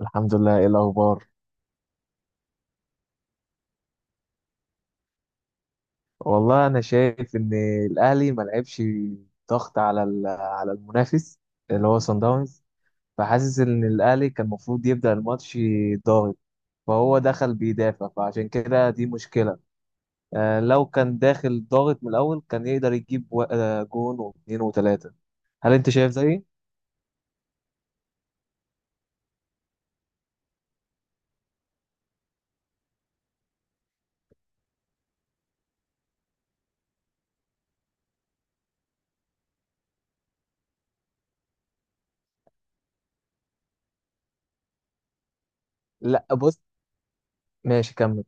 الحمد لله، ايه الاخبار؟ والله انا شايف ان الاهلي ما لعبش ضغط على المنافس اللي هو صن داونز. فحاسس ان الاهلي كان المفروض يبدا الماتش ضاغط، فهو دخل بيدافع، فعشان كده دي مشكله. لو كان داخل ضاغط من الاول كان يقدر يجيب جون واثنين وثلاثه. هل انت شايف زيي؟ لا بص، ماشي كمل.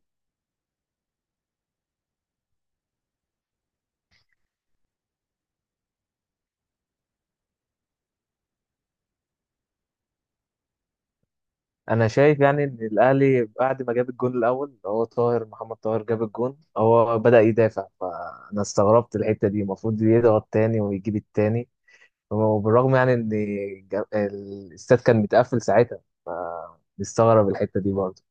انا شايف يعني ان الاهلي بعد ما جاب الجون الاول اللي هو طاهر محمد طاهر، جاب الجون هو بدأ يدافع، فانا استغربت الحتة دي، المفروض يضغط تاني ويجيب التاني. وبالرغم يعني ان الاستاد كان متقفل ساعتها، فنستغرب الحتة دي برضه.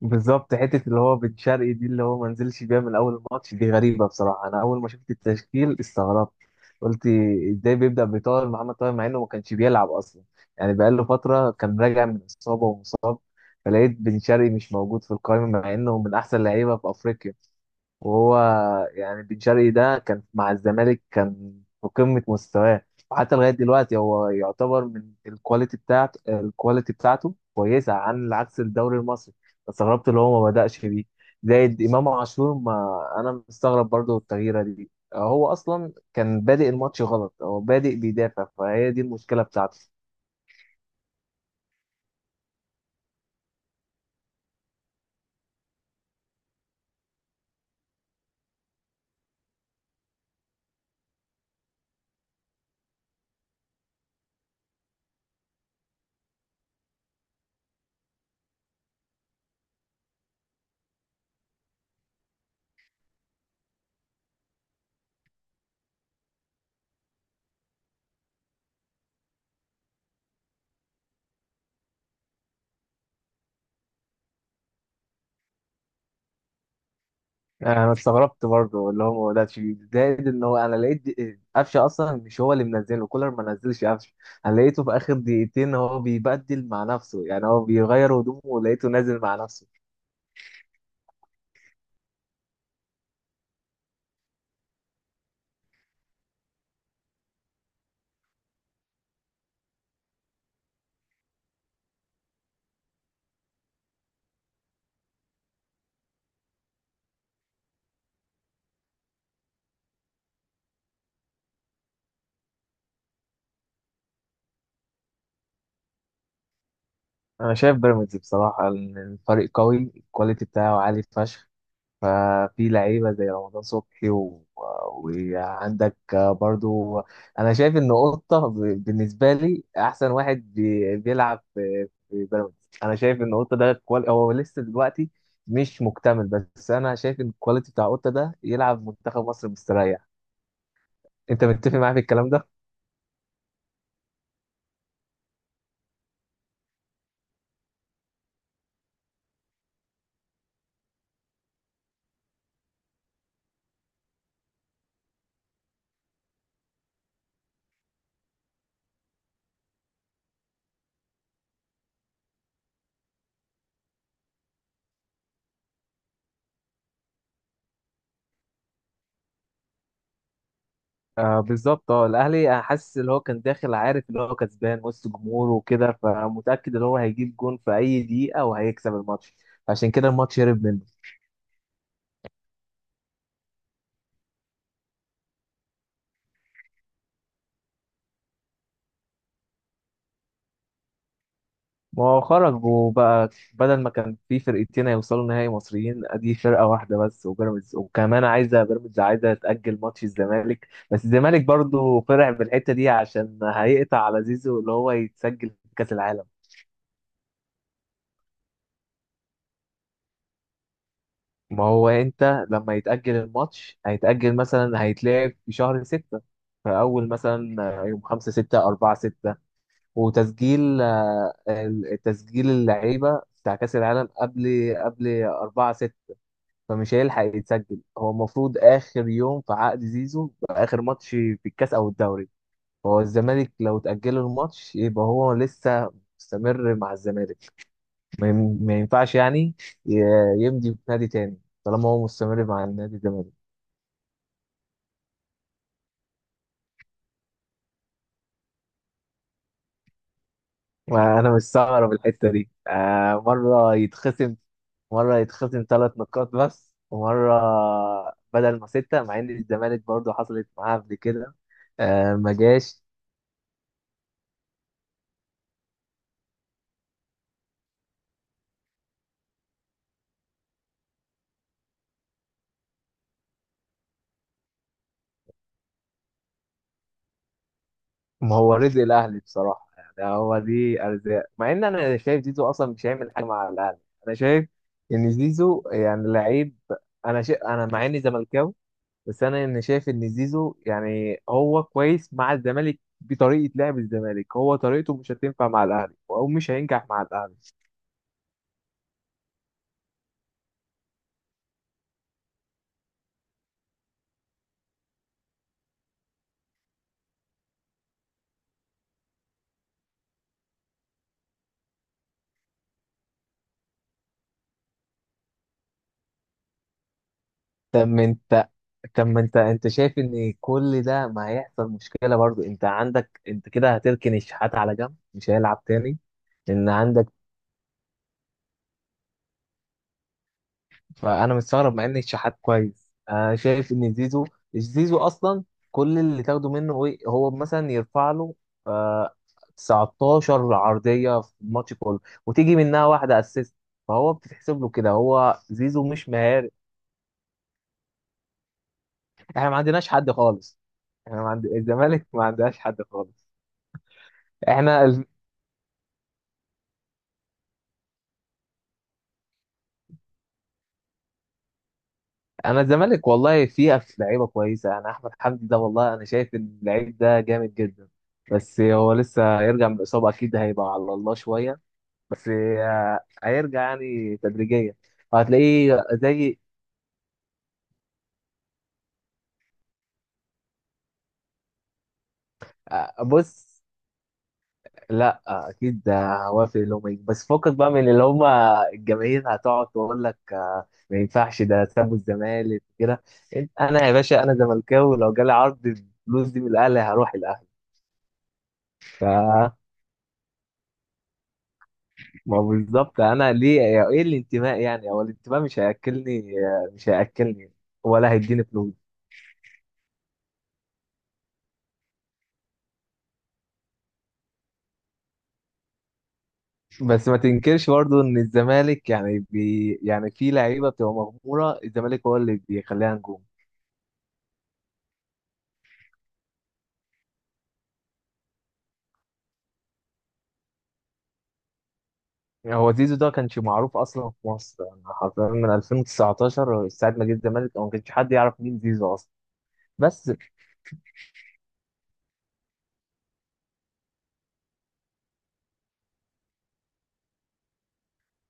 بالظبط حته اللي هو بن شرقي دي اللي هو ما نزلش بيها من اول الماتش دي غريبه، بصراحه انا اول ما شفت التشكيل استغربت، قلت ازاي بيبدا بطاهر محمد طاهر مع انه ما كانش بيلعب اصلا، يعني بقاله فتره كان راجع من اصابه ومصاب. فلقيت بن شرقي مش موجود في القائمه مع انه من احسن لعيبه في افريقيا، وهو يعني بن شرقي ده كان مع الزمالك كان في قمة مستواه، وحتى لغاية دلوقتي هو يعتبر من الكواليتي بتاعته، الكواليتي بتاعته كويسة عن عكس الدوري المصري. استغربت اللي هو ما بدأش بيه. زائد إمام عاشور، ما أنا مستغرب برضو التغييرة دي، هو أصلا كان بادئ الماتش غلط، هو بادئ بيدافع فهي دي المشكلة بتاعته. انا استغربت برضه اللي هو ده شيء. زائد ان هو انا لقيت قفشه اصلا مش هو اللي منزله، كولر ما نزلش قفشه. انا لقيته في اخر دقيقتين هو بيبدل مع نفسه، يعني هو بيغير هدومه ولقيته نازل مع نفسه. انا شايف بيراميدز بصراحه، إن الفريق قوي، الكواليتي بتاعه عالي فشخ. ففي لعيبة زي رمضان صبحي وعندك برضو، أنا شايف إن قطة بالنسبة لي أحسن واحد بيلعب في في بيراميدز. أنا شايف إن قطة ده هو لسه دلوقتي مش مكتمل، بس أنا شايف إن الكواليتي بتاع قطة ده يلعب منتخب مصر مستريح. أنت متفق معايا في الكلام ده؟ آه بالظبط. اه الاهلي انا حاسس اللي هو كان داخل عارف اللي هو كسبان وسط جمهوره وكده، فمتاكد ان هو هيجيب جون في اي دقيقه وهيكسب الماتش، عشان كده الماتش هرب منه. ما هو خرجوا بقى، بدل ما كان في فرقتين هيوصلوا نهائي مصريين ادي فرقه واحده بس وبيراميدز، وكمان عايزه بيراميدز عايزه تاجل ماتش الزمالك، بس الزمالك برضو فرح بالحته دي عشان هيقطع على زيزو اللي هو يتسجل في كاس العالم. ما هو انت لما يتاجل الماتش هيتاجل مثلا هيتلعب في شهر ستة، فاول مثلا يوم خمسة ستة أربعة ستة. وتسجيل تسجيل اللعيبة بتاع كأس العالم قبل 4، فمش هيلحق يتسجل. هو المفروض اخر يوم في عقد زيزو يبقى اخر ماتش في الكاس او الدوري، فهو الزمالك لو تأجله الماتش يبقى هو لسه مستمر مع الزمالك، ما ينفعش يعني ي- يمضي في نادي تاني طالما هو مستمر مع النادي الزمالك. انا مستغرب الحته دي، مره يتخصم، مره يتخصم ثلاث نقاط بس، ومره بدل ما سته، مع ان الزمالك برضه حصلت معاه قبل كده. ما جاش. ما هو رزق الاهلي بصراحه، يعني هو دي ارزاق. مع ان انا شايف زيزو اصلا مش هيعمل حاجه مع الاهلي، انا شايف ان زيزو يعني لعيب. انا مع اني زملكاوي بس انا ان شايف ان زيزو يعني هو كويس مع الزمالك بطريقه لعب الزمالك، هو طريقته مش هتنفع مع الاهلي او مش هينجح مع الاهلي. طب ما انت طب ما انت انت شايف ان كل ده ما هيحصل مشكله برضو؟ انت عندك انت كده هتركن الشحات على جنب مش هيلعب تاني. ان عندك، فانا مستغرب مع ان الشحات كويس، انا شايف ان زيزو اصلا كل اللي تاخده منه ايه، هو مثلا يرفع له آه 19 عرضيه في الماتش كله وتيجي منها واحده اسيست، فهو بتتحسب له كده. هو زيزو مش مهاري. احنا ما عندناش حد خالص. احنا ما عند... الزمالك ما عندهاش حد خالص. احنا ال... انا الزمالك والله فيها في لعيبه كويسه، انا احمد حمدي ده والله انا شايف إن اللعيب ده جامد جدا، بس هو لسه يرجع من الاصابه اكيد هيبقى على الله شويه، بس هيرجع يعني تدريجيا وهتلاقيه زي. بص، لا اكيد هوافق لهم، بس فكك بقى من اللي هم، الجماهير هتقعد تقول لك ما ينفعش ده سابوا الزمالك كده. انا يا باشا انا زملكاوي، لو جالي عرض الفلوس دي من الاهلي هروح الاهلي. ف ما هو بالظبط. انا ليه؟ ايه الانتماء يعني؟ هو الانتماء مش هياكلني، مش هياكلني ولا هيديني فلوس. بس ما تنكرش برضو ان الزمالك يعني يعني في لعيبه بتبقى مغموره، الزمالك هو اللي بيخليها نجوم. يعني هو زيزو ده كانش معروف اصلا في مصر، يعني حرفيا من 2019 ساعه ما جه الزمالك أو ما كانش حد يعرف مين زيزو اصلا. بس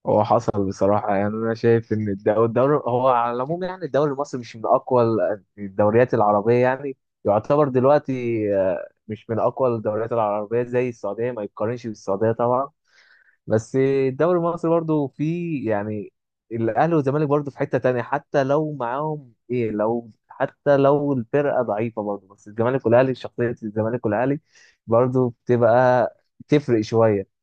هو حصل بصراحه، يعني انا شايف ان الدوري هو على العموم، يعني الدوري المصري مش من اقوى الدوريات العربيه يعني، يعتبر دلوقتي مش من اقوى الدوريات العربيه زي السعوديه، ما يتقارنش بالسعوديه طبعا. بس الدوري المصري برضو فيه يعني الاهلي والزمالك، برضو في حتة تانية، حتى لو معاهم ايه، لو حتى لو الفرقة ضعيفة برضو، بس الزمالك والاهلي شخصية الزمالك والاهلي برضو بتبقى تفرق شوية.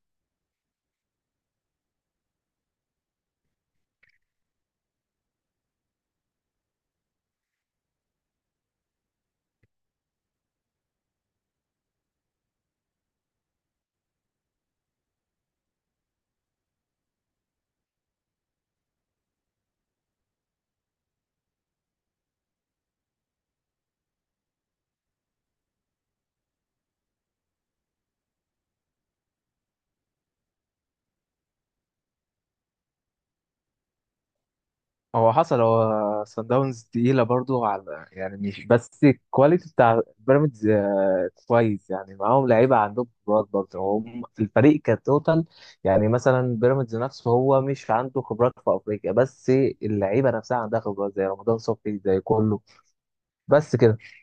هو حصل هو سان داونز تقيلة برضو، على يعني مش بس الكواليتي بتاع بيراميدز كويس، يعني معاهم لعيبة، عندهم خبرات برضو، هم الفريق كتوتال، يعني مثلا بيراميدز نفسه هو مش عنده خبرات في أفريقيا بس، اللعيبة نفسها عندها خبرات زي رمضان صبحي زي كله. بس كده.